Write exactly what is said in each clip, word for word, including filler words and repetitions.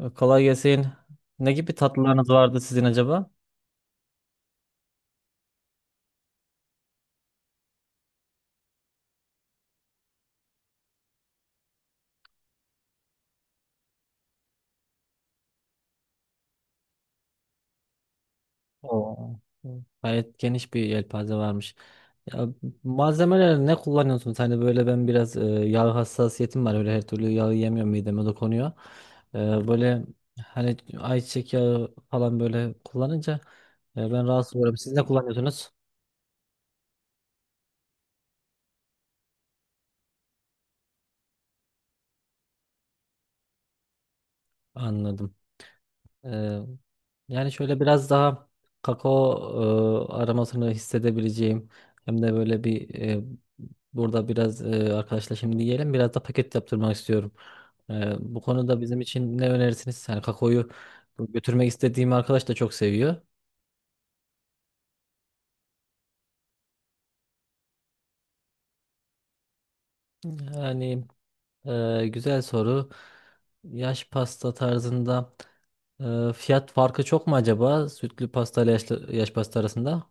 Ee, Kolay gelsin. Ne gibi tatlılarınız vardı sizin acaba? Oo. Gayet geniş bir yelpaze varmış. Ya, malzemeler ne kullanıyorsunuz? Hani böyle ben biraz e, yağ hassasiyetim var. Öyle her türlü yağı yemiyorum, mideme dokunuyor. Ee, Böyle hani ayçiçek yağı falan böyle kullanınca e, ben rahatsız oluyorum. Siz ne kullanıyorsunuz? Anladım. Ee, Yani şöyle biraz daha kakao e, aromasını hissedebileceğim, hem de böyle bir e, burada biraz e, arkadaşla şimdi yiyelim, biraz da paket yaptırmak istiyorum. Ee, bu konuda bizim için ne önerirsiniz? Yani kakaoyu götürmek istediğim arkadaş da çok seviyor. Yani, e, güzel soru. Yaş pasta tarzında e, fiyat farkı çok mu acaba? Sütlü pasta ile yaşlı, yaş pasta arasında?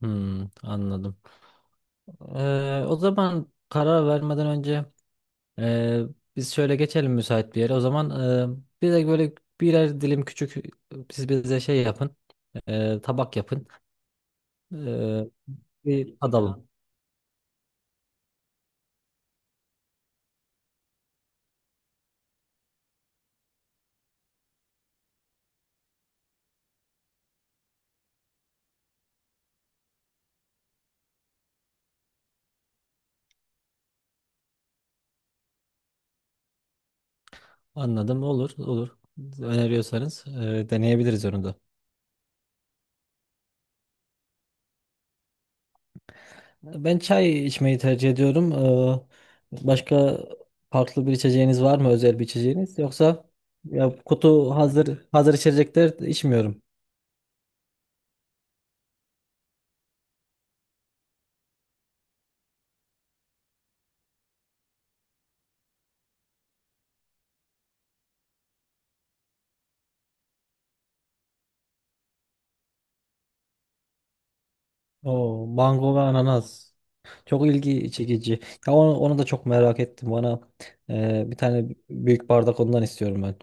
Hmm, anladım. Ee, o zaman karar vermeden önce e, biz şöyle geçelim müsait bir yere. O zaman e, bize böyle birer dilim küçük, siz bize şey yapın, e, tabak yapın, e, bir tadalım. Anladım, olur, olur. Öneriyorsanız e, deneyebiliriz onu da. Ben çay içmeyi tercih ediyorum. Ee, başka farklı bir içeceğiniz var mı, özel bir içeceğiniz? Yoksa ya, kutu hazır hazır içecekler içmiyorum. O mango ve ananas. Çok ilgi çekici. Ya onu, onu da çok merak ettim. Bana e, bir tane büyük bardak ondan istiyorum ben.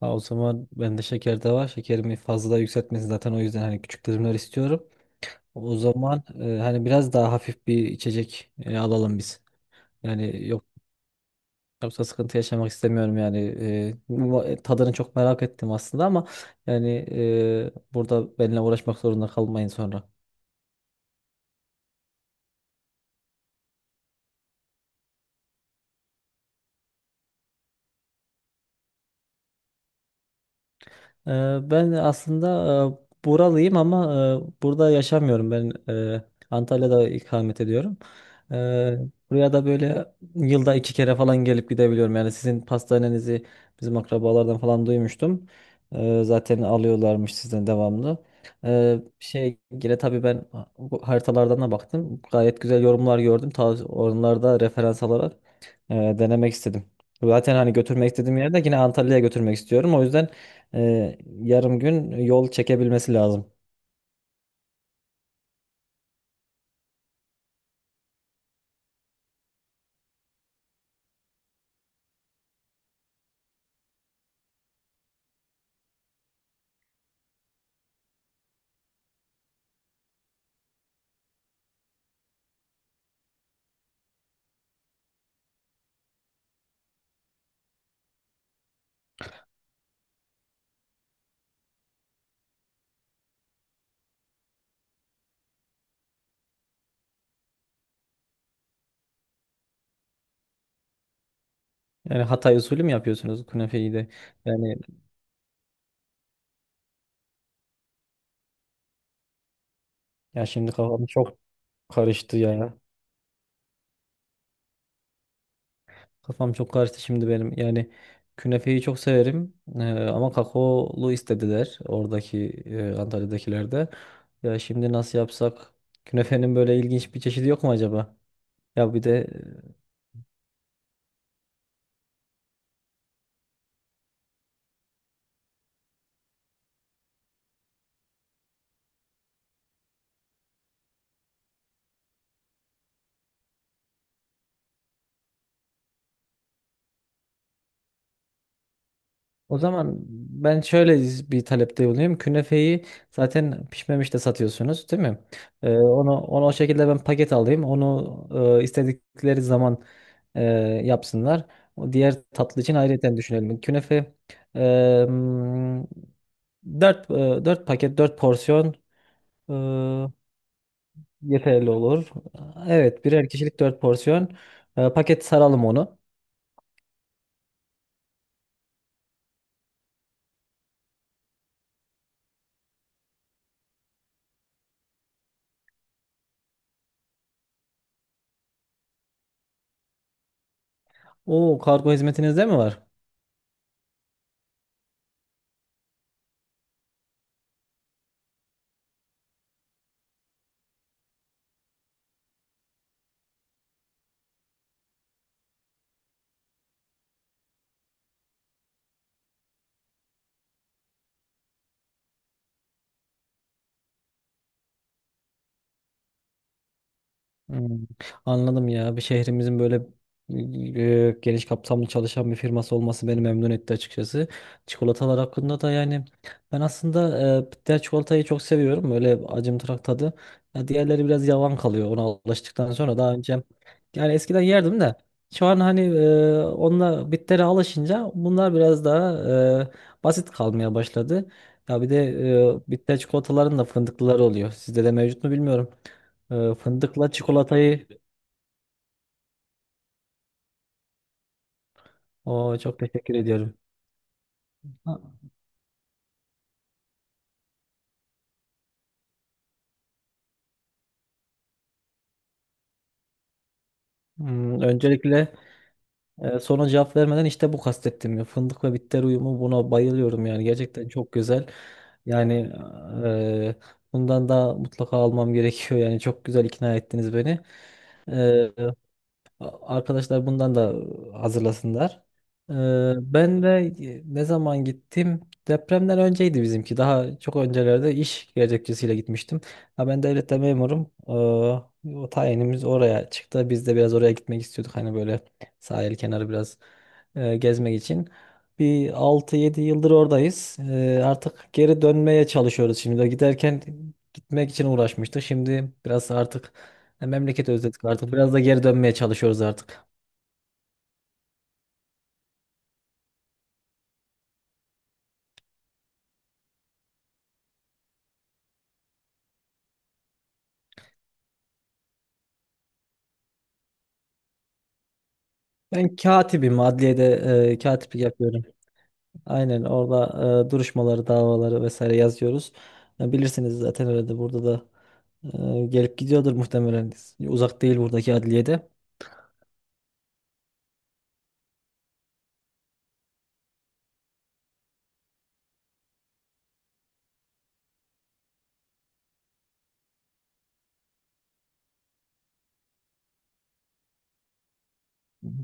Ha, o zaman bende şeker de var. Şekerimi fazla yükseltmesin zaten, o yüzden hani küçük dilimler istiyorum. O zaman e, hani biraz daha hafif bir içecek e, alalım biz. Yani, yok yoksa sıkıntı yaşamak istemiyorum yani. E, bu- e, tadını çok merak ettim aslında, ama yani e, burada benimle uğraşmak zorunda kalmayın sonra. Ee, Ben aslında e, buralıyım, ama e, burada yaşamıyorum. Ben e, Antalya'da ikamet ediyorum. Ee, Buraya da böyle yılda iki kere falan gelip gidebiliyorum. Yani sizin pastanenizi bizim akrabalardan falan duymuştum. Ee, Zaten alıyorlarmış sizden devamlı. Ee, Şey yine tabii ben bu haritalardan da baktım. Gayet güzel yorumlar gördüm. Ta onlarda referans alarak e, denemek istedim. Zaten hani götürmek istediğim yerde, yine Antalya'ya götürmek istiyorum. O yüzden ee, yarım gün yol çekebilmesi lazım. Yani Hatay usulü mü yapıyorsunuz künefeyi de? Yani, ya şimdi kafam çok karıştı ya. Kafam çok karıştı şimdi benim. Yani künefeyi çok severim. Ee, Ama kakaolu istediler oradaki e, Antalya'dakiler de. Ya şimdi nasıl yapsak? Künefenin böyle ilginç bir çeşidi yok mu acaba? Ya bir de, e, o zaman ben şöyle bir talepte bulunayım. Künefeyi zaten pişmemiş de satıyorsunuz, değil mi? Ee, onu onu o şekilde ben paket alayım. Onu e, istedikleri zaman e, yapsınlar. O diğer tatlı için ayrıca düşünelim. Künefe e, dört 4 paket, dört porsiyon e, yeterli olur. Evet, birer kişilik dört porsiyon. Ee, paket saralım onu. Oo, kargo hizmetinizde mi var? Hmm, anladım ya. Bir şehrimizin böyle e, geniş kapsamlı çalışan bir firması olması beni memnun etti açıkçası. Çikolatalar hakkında da yani, ben aslında e, bitter çikolatayı çok seviyorum. Böyle acımtırak tadı. Ya diğerleri biraz yavan kalıyor ona alıştıktan sonra. Daha önce, yani eskiden yerdim de, şu an hani e, onunla, bittere alışınca bunlar biraz daha e, basit kalmaya başladı. Ya bir de, e, bitter çikolataların da fındıklıları oluyor. Sizde de mevcut mu bilmiyorum. Ee, Fındıkla çikolatayı, o, çok teşekkür ediyorum. Ha, hmm, öncelikle e, soruna cevap vermeden, işte bu kastettim ya. Fındık ve bitter uyumu, buna bayılıyorum yani. Gerçekten çok güzel. Yani e, bundan da mutlaka almam gerekiyor. Yani çok güzel ikna ettiniz beni. E, A- Arkadaşlar bundan da hazırlasınlar. Ee, Ben de, e, ne zaman gittim? Depremden önceydi bizimki. Daha çok öncelerde iş gerekçesiyle gitmiştim. Ha, ben devlette memurum. Ee, o tayinimiz oraya çıktı. Biz de biraz oraya gitmek istiyorduk, hani böyle sahil kenarı biraz e, gezmek için. Bir altı yedi yıldır oradayız. Ee, artık geri dönmeye çalışıyoruz şimdi. De giderken gitmek için uğraşmıştık. Şimdi biraz artık, ya memleketi özledik artık. Biraz da geri dönmeye çalışıyoruz artık. Ben katibim. Adliyede e, katiplik yapıyorum. Aynen orada e, duruşmaları, davaları vesaire yazıyoruz. Ya bilirsiniz zaten, öyle de burada da e, gelip gidiyordur muhtemelen. Uzak değil buradaki adliyede.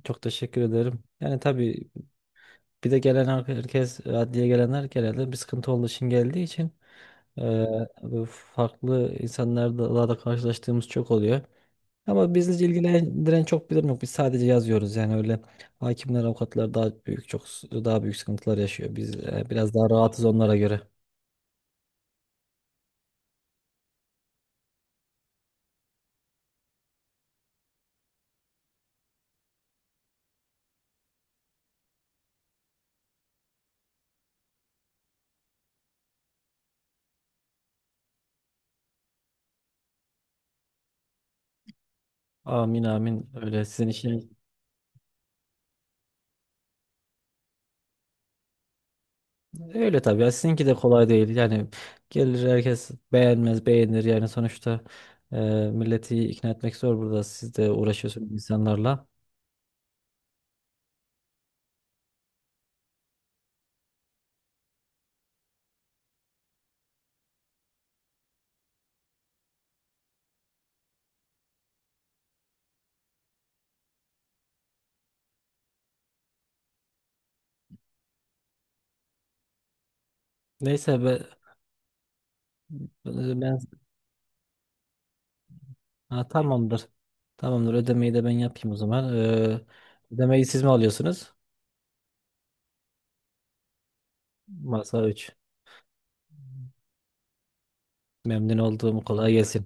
Çok teşekkür ederim. Yani tabii, bir de gelen her- herkes, adliye gelenler genelde bir sıkıntı olduğu için geldiği için e, farklı insanlarla da karşılaştığımız çok oluyor. Ama bizi ilgilendiren çok bir durum yok. Biz sadece yazıyoruz, yani öyle. Hakimler, avukatlar daha büyük çok daha büyük sıkıntılar yaşıyor. Biz e, biraz daha rahatız onlara göre. Amin amin, öyle. Sizin işiniz öyle tabii ya, sizinki de kolay değil yani. Gelir herkes, beğenmez beğenir yani, sonuçta e, milleti ikna etmek zor, burada siz de uğraşıyorsunuz insanlarla. Neyse, be- ben, ha, tamamdır, tamamdır, ödemeyi de ben yapayım o zaman. Ee, ödemeyi siz mi alıyorsunuz? Masa üç. Memnun olduğumu, kolay gelsin.